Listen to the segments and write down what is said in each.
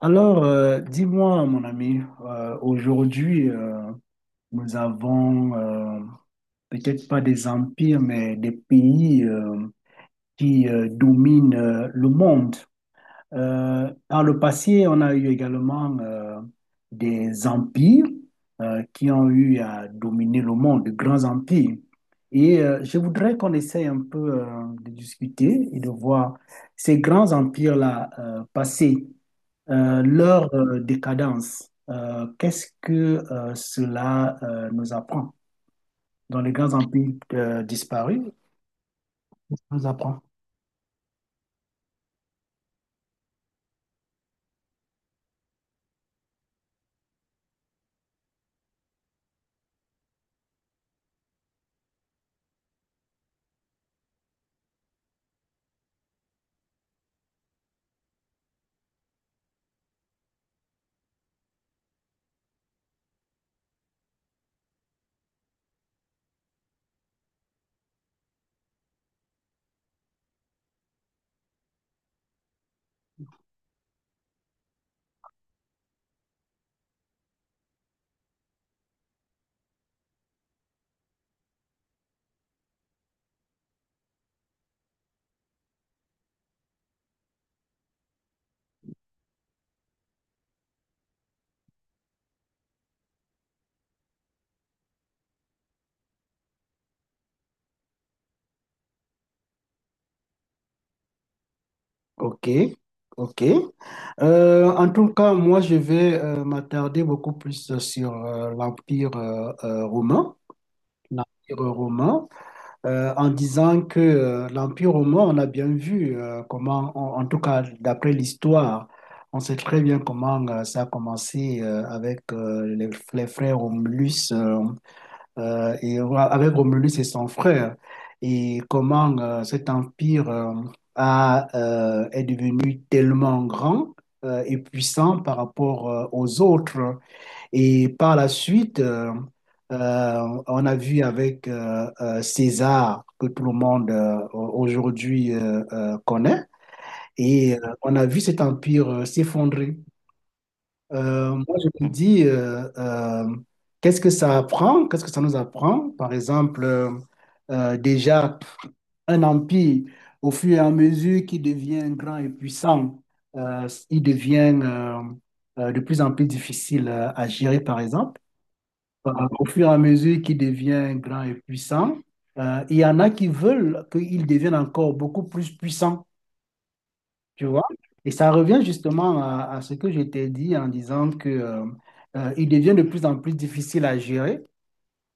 Alors, dis-moi, mon ami, aujourd'hui, nous avons peut-être pas des empires, mais des pays qui dominent le monde. Par le passé, on a eu également des empires qui ont eu à dominer le monde, de grands empires. Et je voudrais qu'on essaye un peu de discuter et de voir ces grands empires-là passer. Leur décadence, qu'est-ce que cela nous apprend? Dans les grands empires disparus, ça apprend. Ok, ok. En tout cas, moi, je vais m'attarder beaucoup plus sur l'empire romain. L'empire romain, en disant que l'Empire romain, on a bien vu comment, en tout cas d'après l'histoire, on sait très bien comment ça a commencé avec les frères Romulus et ouais, avec Romulus et son frère, et comment cet empire est devenu tellement grand et puissant par rapport aux autres. Et par la suite, on a vu avec César, que tout le monde aujourd'hui connaît, et on a vu cet empire s'effondrer. Moi, je me dis, qu'est-ce que ça apprend? Qu'est-ce que ça nous apprend? Par exemple, déjà, un empire, au fur et à mesure qu'il devient grand et puissant, il devient de plus en plus difficile à gérer, par exemple. Euh, au fur et à mesure qu'il devient grand et puissant, il y en a qui veulent qu'il devienne encore beaucoup plus puissant, tu vois. Et ça revient justement à ce que je t'ai dit en disant que, il devient de plus en plus difficile à gérer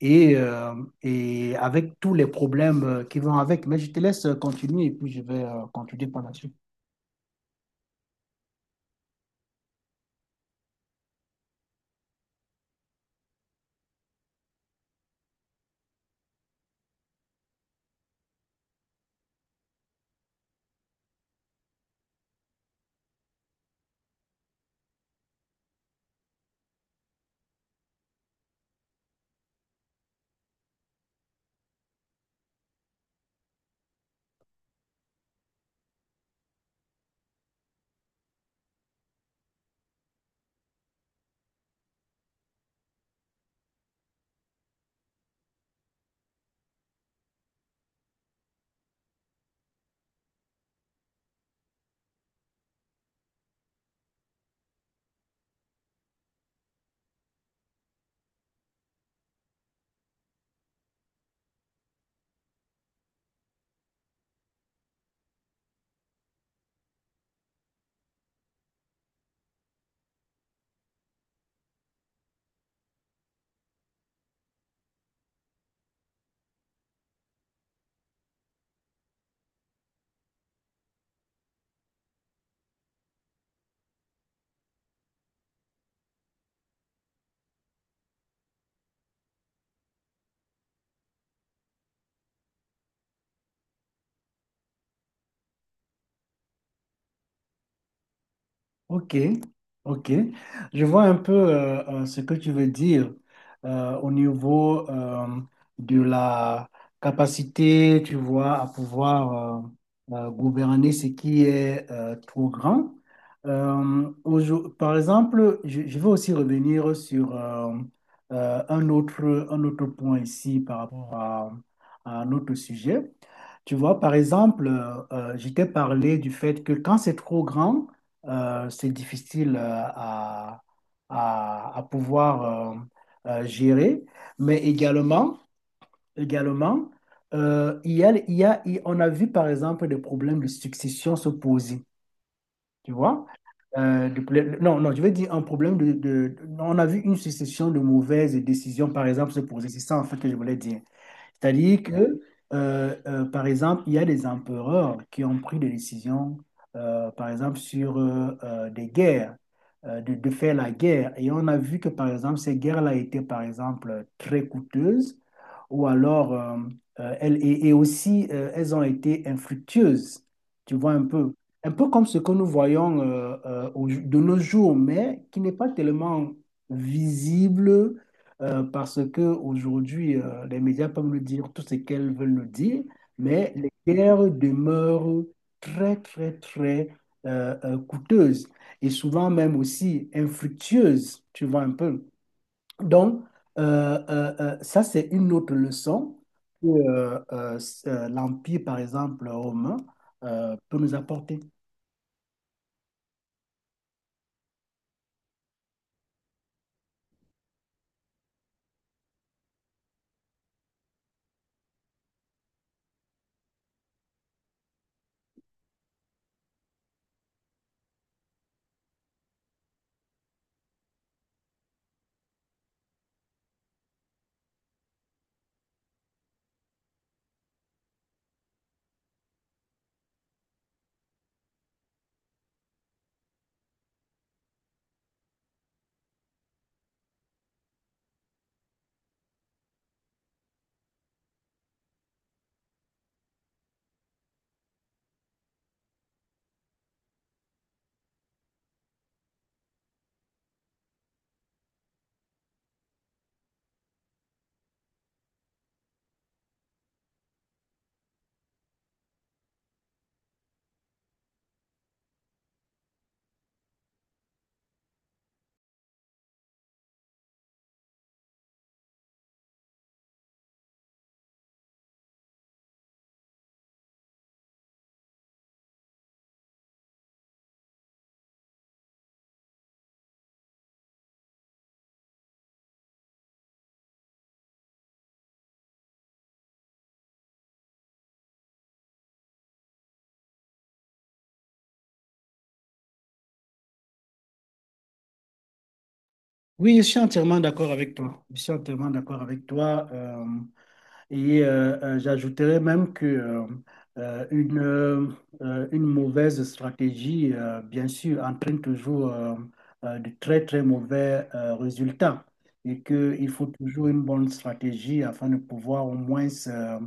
et, euh, et avec tous les problèmes qui vont avec. Mais je te laisse continuer et puis je vais continuer par la suite. Ok, ok. Je vois un peu ce que tu veux dire au niveau de la capacité, tu vois, à pouvoir gouverner ce qui est trop grand. Par exemple, je veux aussi revenir sur euh, un autre, un autre point ici par rapport à notre sujet. Tu vois, par exemple, je t'ai parlé du fait que quand c'est trop grand, c'est difficile à, à pouvoir gérer. Mais également, également il y a, il y a- il- on a vu par exemple des problèmes de succession se poser, tu vois? Non, non, je veux dire un problème. On a vu une succession de mauvaises décisions, par exemple, se poser. C'est ça en fait que je voulais dire. C'est-à-dire que, par exemple, il y a des empereurs qui ont pris des décisions, par exemple, sur des guerres, de faire la guerre. Et on a vu que, par exemple, ces guerres-là étaient, par exemple, très coûteuses, ou alors, elles, et aussi, elles ont été infructueuses. Tu vois un peu. Un peu comme ce que nous voyons de nos jours, mais qui n'est pas tellement visible parce que aujourd'hui, les médias peuvent nous dire tout ce qu'elles veulent nous dire, mais les guerres demeurent très, très, très coûteuses et souvent même aussi infructueuses, tu vois un peu. Donc, ça, c'est une autre leçon que l'Empire, par exemple, romain, peut nous apporter. Oui, je suis entièrement d'accord avec toi. Je suis entièrement d'accord avec toi. Et j'ajouterais même que euh, une, euh, une mauvaise stratégie, bien sûr, entraîne toujours de très, très mauvais résultats. Et qu'il faut toujours une bonne stratégie afin de pouvoir au moins euh,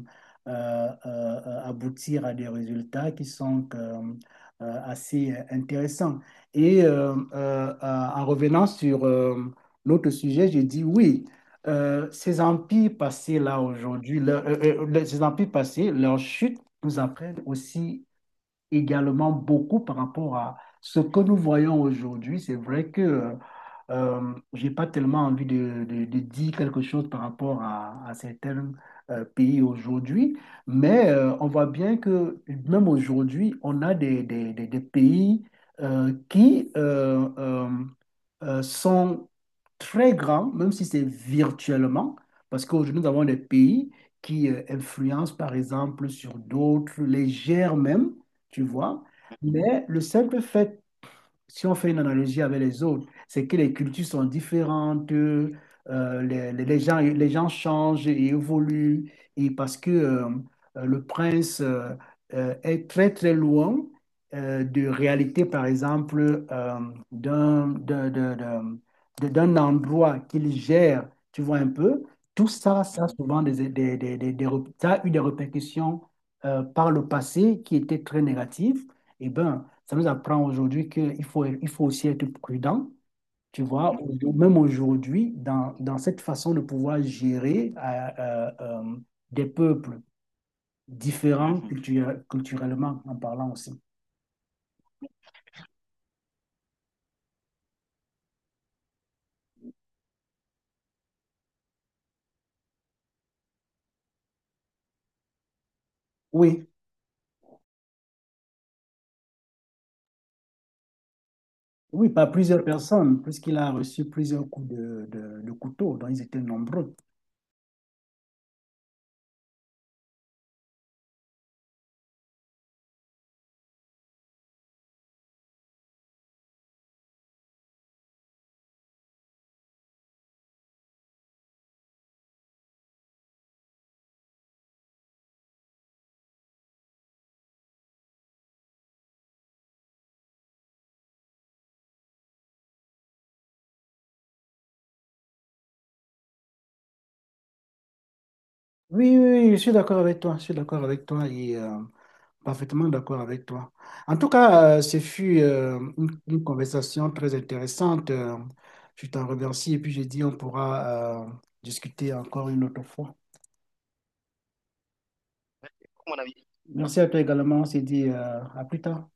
euh, euh, euh, aboutir à des résultats qui sont assez intéressants. Et en revenant sur l'autre sujet, j'ai dit oui, ces empires passés là aujourd'hui, leur- les- ces empires passés, leur chute nous apprennent aussi également beaucoup par rapport à ce que nous voyons aujourd'hui. C'est vrai que j'ai pas tellement envie de dire quelque chose par rapport à certains pays aujourd'hui, mais on voit bien que même aujourd'hui, on a des pays qui sont très grands, même si c'est virtuellement, parce qu'aujourd'hui, nous avons des pays qui influencent, par exemple, sur d'autres, les gèrent même, tu vois. Mais le simple fait, si on fait une analogie avec les autres, c'est que les cultures sont différentes, les gens changent et évoluent, et parce que le prince est très très loin de réalité, par exemple, d'un d'un- d'un- d'un- d'un endroit qu'il gère, tu vois un peu, tout ça, ça a souvent ça a eu des répercussions par le passé qui étaient très négatives. Et ben ça nous apprend aujourd'hui qu'il faut, il faut aussi être prudent, tu vois, même aujourd'hui, dans cette façon de pouvoir gérer des peuples différents. Mhm. Culturellement en parlant aussi. Oui, oui, par plusieurs personnes, puisqu'il a reçu plusieurs coups de couteau, donc ils étaient nombreux. Oui, oui, oui, je suis d'accord avec toi, je suis d'accord avec toi et... Parfaitement d'accord avec toi. En tout cas, ce fut une conversation très intéressante. Je t'en remercie et puis je dis on pourra discuter encore une autre fois. Merci à toi également. On s'est dit à plus tard.